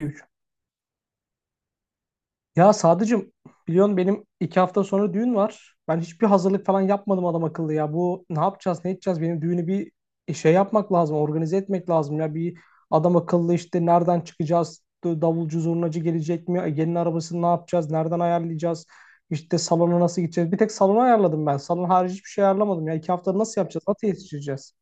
Üç. Ya Sadıcığım biliyorsun benim 2 hafta sonra düğün var. Ben hiçbir hazırlık falan yapmadım adam akıllı ya. Bu ne yapacağız ne edeceğiz benim düğünü bir şey yapmak lazım, organize etmek lazım ya. Bir adam akıllı işte nereden çıkacağız, davulcu zurnacı gelecek mi, gelin arabasını ne yapacağız, nereden ayarlayacağız, İşte salona nasıl gideceğiz. Bir tek salonu ayarladım, ben salon harici hiçbir şey ayarlamadım ya. İki haftada nasıl yapacağız, nasıl yetiştireceğiz?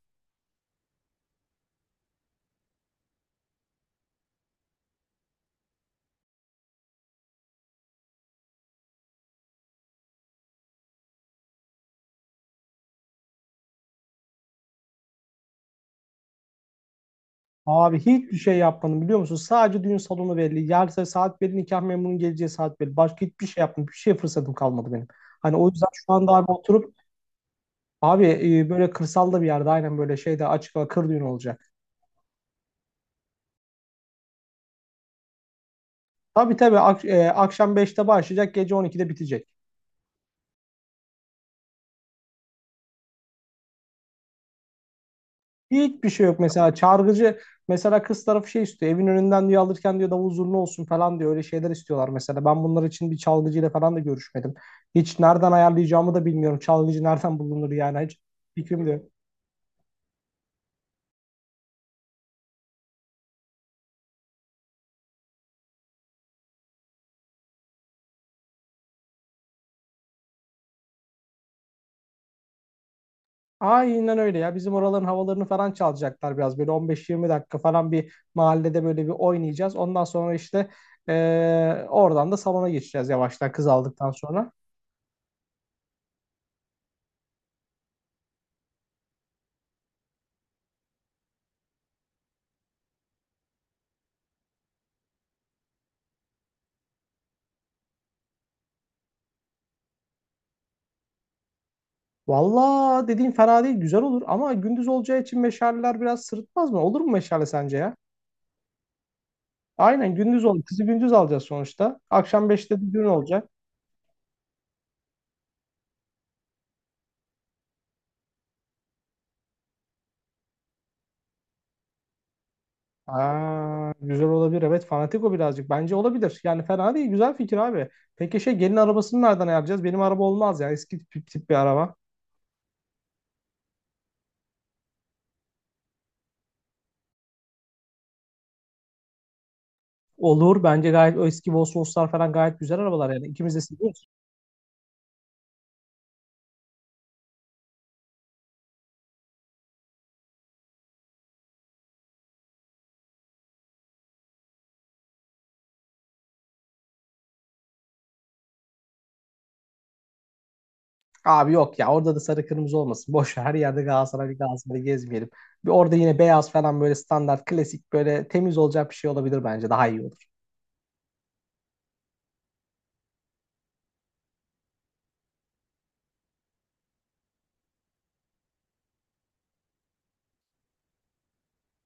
Abi hiçbir şey yapmadım, biliyor musun? Sadece düğün salonu belli. Yarın saat belli, nikah memurunun geleceği saat belli. Başka hiçbir şey yapmadım. Bir şey fırsatım kalmadı benim. Hani o yüzden şu anda abi oturup abi böyle kırsalda bir yerde aynen böyle şeyde açık hava kır düğün olacak. Tabii tabii akşam beşte başlayacak, gece 12'de bitecek. Hiçbir şey yok mesela, çargıcı mesela, kız tarafı şey istiyor, evin önünden diyor alırken, diyor davul zurna olsun falan diyor, öyle şeyler istiyorlar. Mesela ben bunlar için bir çalgıcıyla falan da görüşmedim, hiç nereden ayarlayacağımı da bilmiyorum, çalgıcı nereden bulunur yani, hiç fikrim de yok. Aynen öyle ya, bizim oraların havalarını falan çalacaklar biraz, böyle 15-20 dakika falan bir mahallede böyle bir oynayacağız, ondan sonra işte oradan da salona geçeceğiz yavaştan, kız aldıktan sonra. Valla dediğin fena değil, güzel olur ama gündüz olacağı için meşaleler biraz sırıtmaz mı? Olur mu meşale sence ya? Aynen gündüz olur. Kızı gündüz alacağız sonuçta. Akşam beşte bir düğün olacak. Aa, güzel olabilir. Evet, fanatik o birazcık. Bence olabilir. Yani fena değil. Güzel fikir abi. Peki şey, gelin arabasını nereden ayarlayacağız? Benim araba olmaz ya. Eski tip bir araba. Olur. Bence gayet, o eski Volkswagen'lar falan gayet güzel arabalar yani. İkimiz de seviyoruz. Abi yok ya, orada da sarı kırmızı olmasın. Boş ver, her yerde Galatasaray Galatasaray gezmeyelim. Bir orada yine beyaz falan, böyle standart klasik böyle temiz olacak bir şey olabilir, bence daha iyi olur.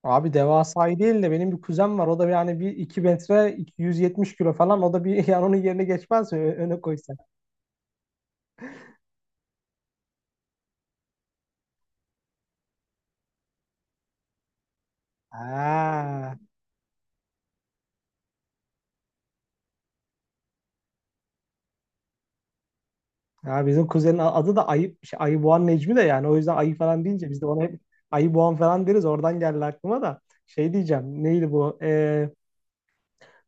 Abi devasayı değil de, benim bir kuzen var. O da yani bir 2 metre, 170 kilo falan. O da bir yani onun yerine geçmez mi? Öne koysak. Ha. Ya bizim kuzenin adı da Ayı, şey, Ayıboğan Necmi de yani. O yüzden ayı falan deyince biz de ona hep Ayıboğan falan deriz. Oradan geldi aklıma da. Şey diyeceğim. Neydi bu?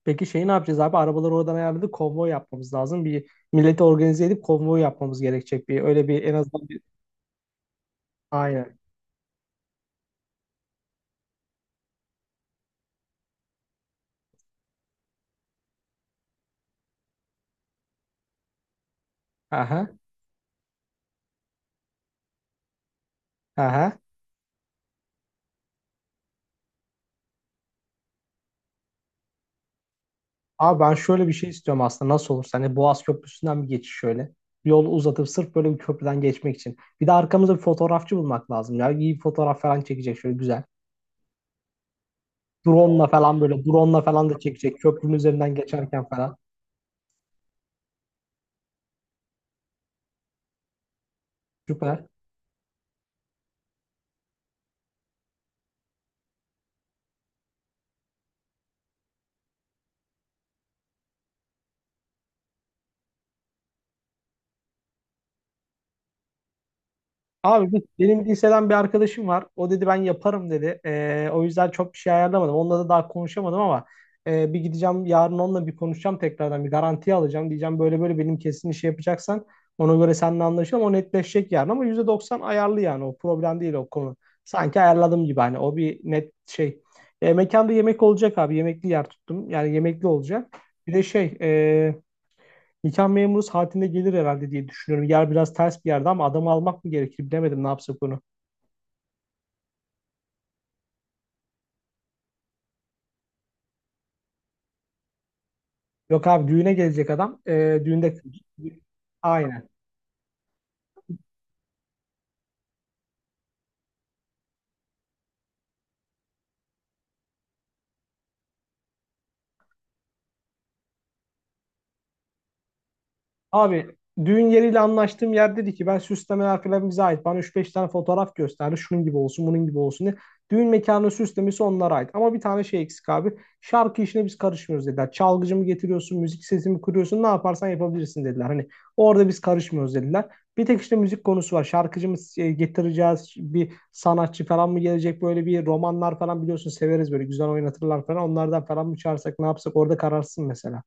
Peki şey, ne yapacağız abi? Arabaları oradan ayarladık. Konvoy yapmamız lazım. Bir milleti organize edip konvoy yapmamız gerekecek. Bir öyle bir en azından bir aynen. Aha. Aha. Abi ben şöyle bir şey istiyorum aslında. Nasıl olursa hani, Boğaz Köprüsü'nden bir geçiş şöyle. Yol uzatıp sırf böyle bir köprüden geçmek için. Bir de arkamızda bir fotoğrafçı bulmak lazım ya. İyi bir fotoğraf falan çekecek şöyle güzel. Drone'la falan, böyle drone'la falan da çekecek. Köprünün üzerinden geçerken falan. Süper. Abi biz, benim liseden bir arkadaşım var. O dedi ben yaparım dedi. O yüzden çok bir şey ayarlamadım. Onunla da daha konuşamadım ama bir gideceğim yarın, onunla bir konuşacağım tekrardan. Bir garanti alacağım. Diyeceğim böyle böyle, benim kesin işi yapacaksan ona göre seninle anlaşalım. O netleşecek yarın ama %90 ayarlı, yani o problem değil o konu. Sanki ayarladım gibi, hani o bir net şey. Mekanda yemek olacak abi. Yemekli yer tuttum. Yani yemekli olacak. Bir de şey nikah memuru saatinde gelir herhalde diye düşünüyorum. Yer biraz ters bir yerde ama adamı almak mı gerekir bilemedim, ne yapsak onu. Yok abi, düğüne gelecek adam. Düğünde aynen. Abi düğün yeriyle anlaştığım yer dedi ki ben süslemeler falan bize ait. Bana üç beş tane fotoğraf gösterdi. Şunun gibi olsun bunun gibi olsun diye. Düğün mekanının süslemesi onlara ait. Ama bir tane şey eksik abi. Şarkı işine biz karışmıyoruz dediler. Çalgıcı mı getiriyorsun, müzik sesi mi kuruyorsun, ne yaparsan yapabilirsin dediler. Hani orada biz karışmıyoruz dediler. Bir tek işte müzik konusu var. Şarkıcı mı getireceğiz? Bir sanatçı falan mı gelecek? Böyle bir romanlar falan biliyorsun severiz böyle. Güzel oynatırlar falan. Onlardan falan mı çağırsak, ne yapsak, orada kararsın mesela.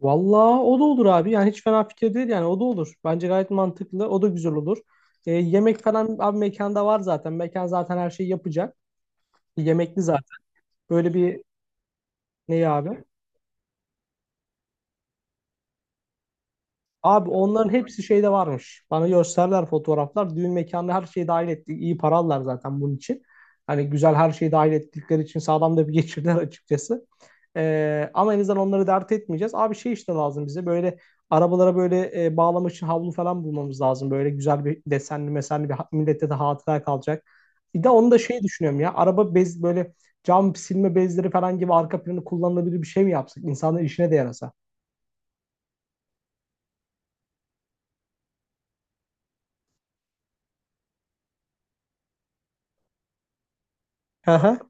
Vallahi o da olur abi. Yani hiç fena fikir değil, yani o da olur. Bence gayet mantıklı. O da güzel olur. Yemek falan abi mekanda var zaten. Mekan zaten her şeyi yapacak. Yemekli zaten. Böyle bir, ne abi? Abi onların hepsi şeyde varmış. Bana gösterdiler fotoğraflar. Düğün mekanına her şeyi dahil ettik. İyi para aldılar zaten bunun için. Hani güzel her şeyi dahil ettikleri için sağlam da bir geçirdiler açıkçası. Ama en azından onları dert etmeyeceğiz. Abi şey, işte lazım bize böyle arabalara böyle bağlamak için havlu falan bulmamız lazım. Böyle güzel bir desenli mesenli bir millete de hatıra kalacak. Bir de onu da şey düşünüyorum ya, araba bez böyle cam silme bezleri falan gibi arka planı kullanılabilir bir şey mi yapsak? İnsanların işine de yarasa.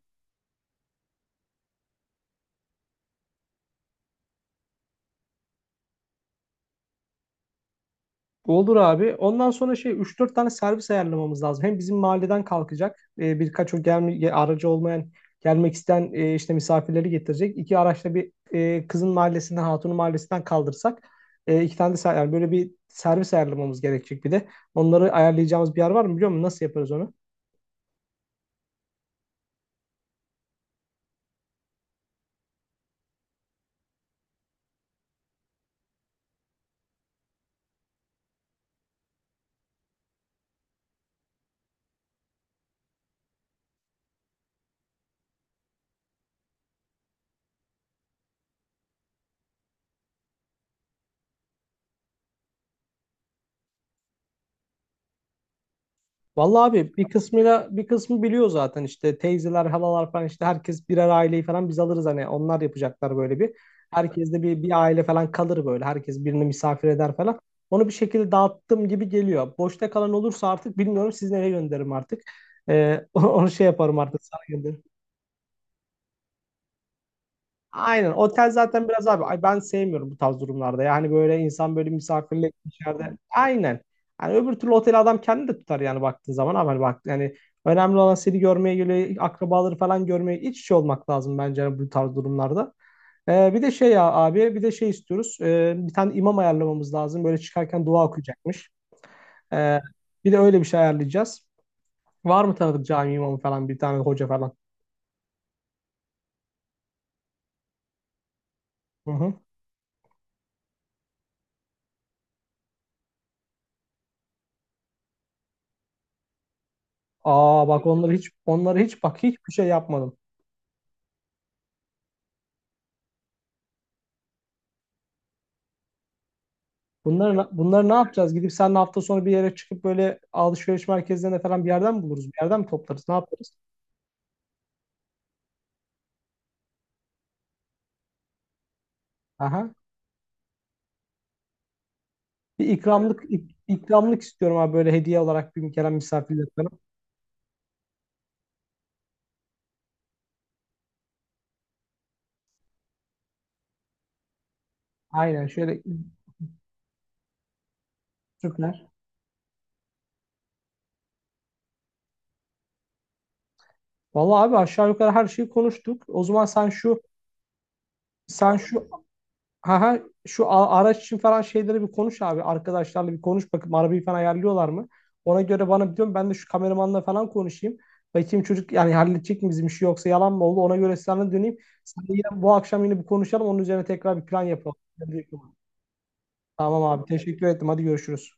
Olur abi. Ondan sonra şey, 3-4 tane servis ayarlamamız lazım. Hem bizim mahalleden kalkacak birkaç o gelme, aracı olmayan gelmek isteyen işte misafirleri getirecek. İki araçla bir kızın mahallesinden, hatunun mahallesinden kaldırsak iki tane de yani böyle bir servis ayarlamamız gerekecek bir de. Onları ayarlayacağımız bir yer var mı biliyor musun? Nasıl yaparız onu? Vallahi abi bir kısmıyla, bir kısmı biliyor zaten işte, teyzeler, halalar falan, işte herkes birer aileyi falan biz alırız hani, onlar yapacaklar böyle bir. Herkes de bir aile falan kalır böyle. Herkes birini misafir eder falan. Onu bir şekilde dağıttım gibi geliyor. Boşta kalan olursa artık bilmiyorum, siz nereye gönderirim artık. Onu şey yaparım artık, sana gönderirim. Aynen. Otel zaten biraz abi, ay ben sevmiyorum bu tarz durumlarda. Yani böyle insan böyle misafirlik içeride. Aynen. Yani öbür türlü oteli adam kendi de tutar yani baktığın zaman, ama hani bak yani, önemli olan seni görmeye geliyor, akrabaları falan görmeye iç içe olmak lazım bence yani bu tarz durumlarda. Bir de şey ya abi, bir de şey istiyoruz. Bir tane imam ayarlamamız lazım. Böyle çıkarken dua okuyacakmış. Ee, Bir de öyle bir şey ayarlayacağız. Var mı tanıdık cami imamı falan, bir tane hoca falan? Hı hı. Aa bak, onları hiç bak hiçbir şey yapmadım. Bunları ne yapacağız? Gidip seninle hafta sonu bir yere çıkıp böyle alışveriş merkezlerine falan, bir yerden mi buluruz? Bir yerden mi toplarız? Ne yaparız? Aha. Bir ikramlık ikramlık istiyorum abi, böyle hediye olarak bir, gelen misafirler falan. Aynen şöyle süper. Vallahi abi aşağı yukarı her şeyi konuştuk. O zaman sen şu sen şu ha ha şu araç için falan şeyleri bir konuş abi. Arkadaşlarla bir konuş bakayım, arabayı falan ayarlıyorlar mı? Ona göre bana, biliyorum ben de şu kameramanla falan konuşayım. Bakayım çocuk yani halledecek mi bizim işi, yoksa yalan mı oldu? Ona göre sana döneyim. Sen de yine bu akşam yine bir konuşalım. Onun üzerine tekrar bir plan yapalım. Tamam abi, teşekkür ettim. Hadi görüşürüz.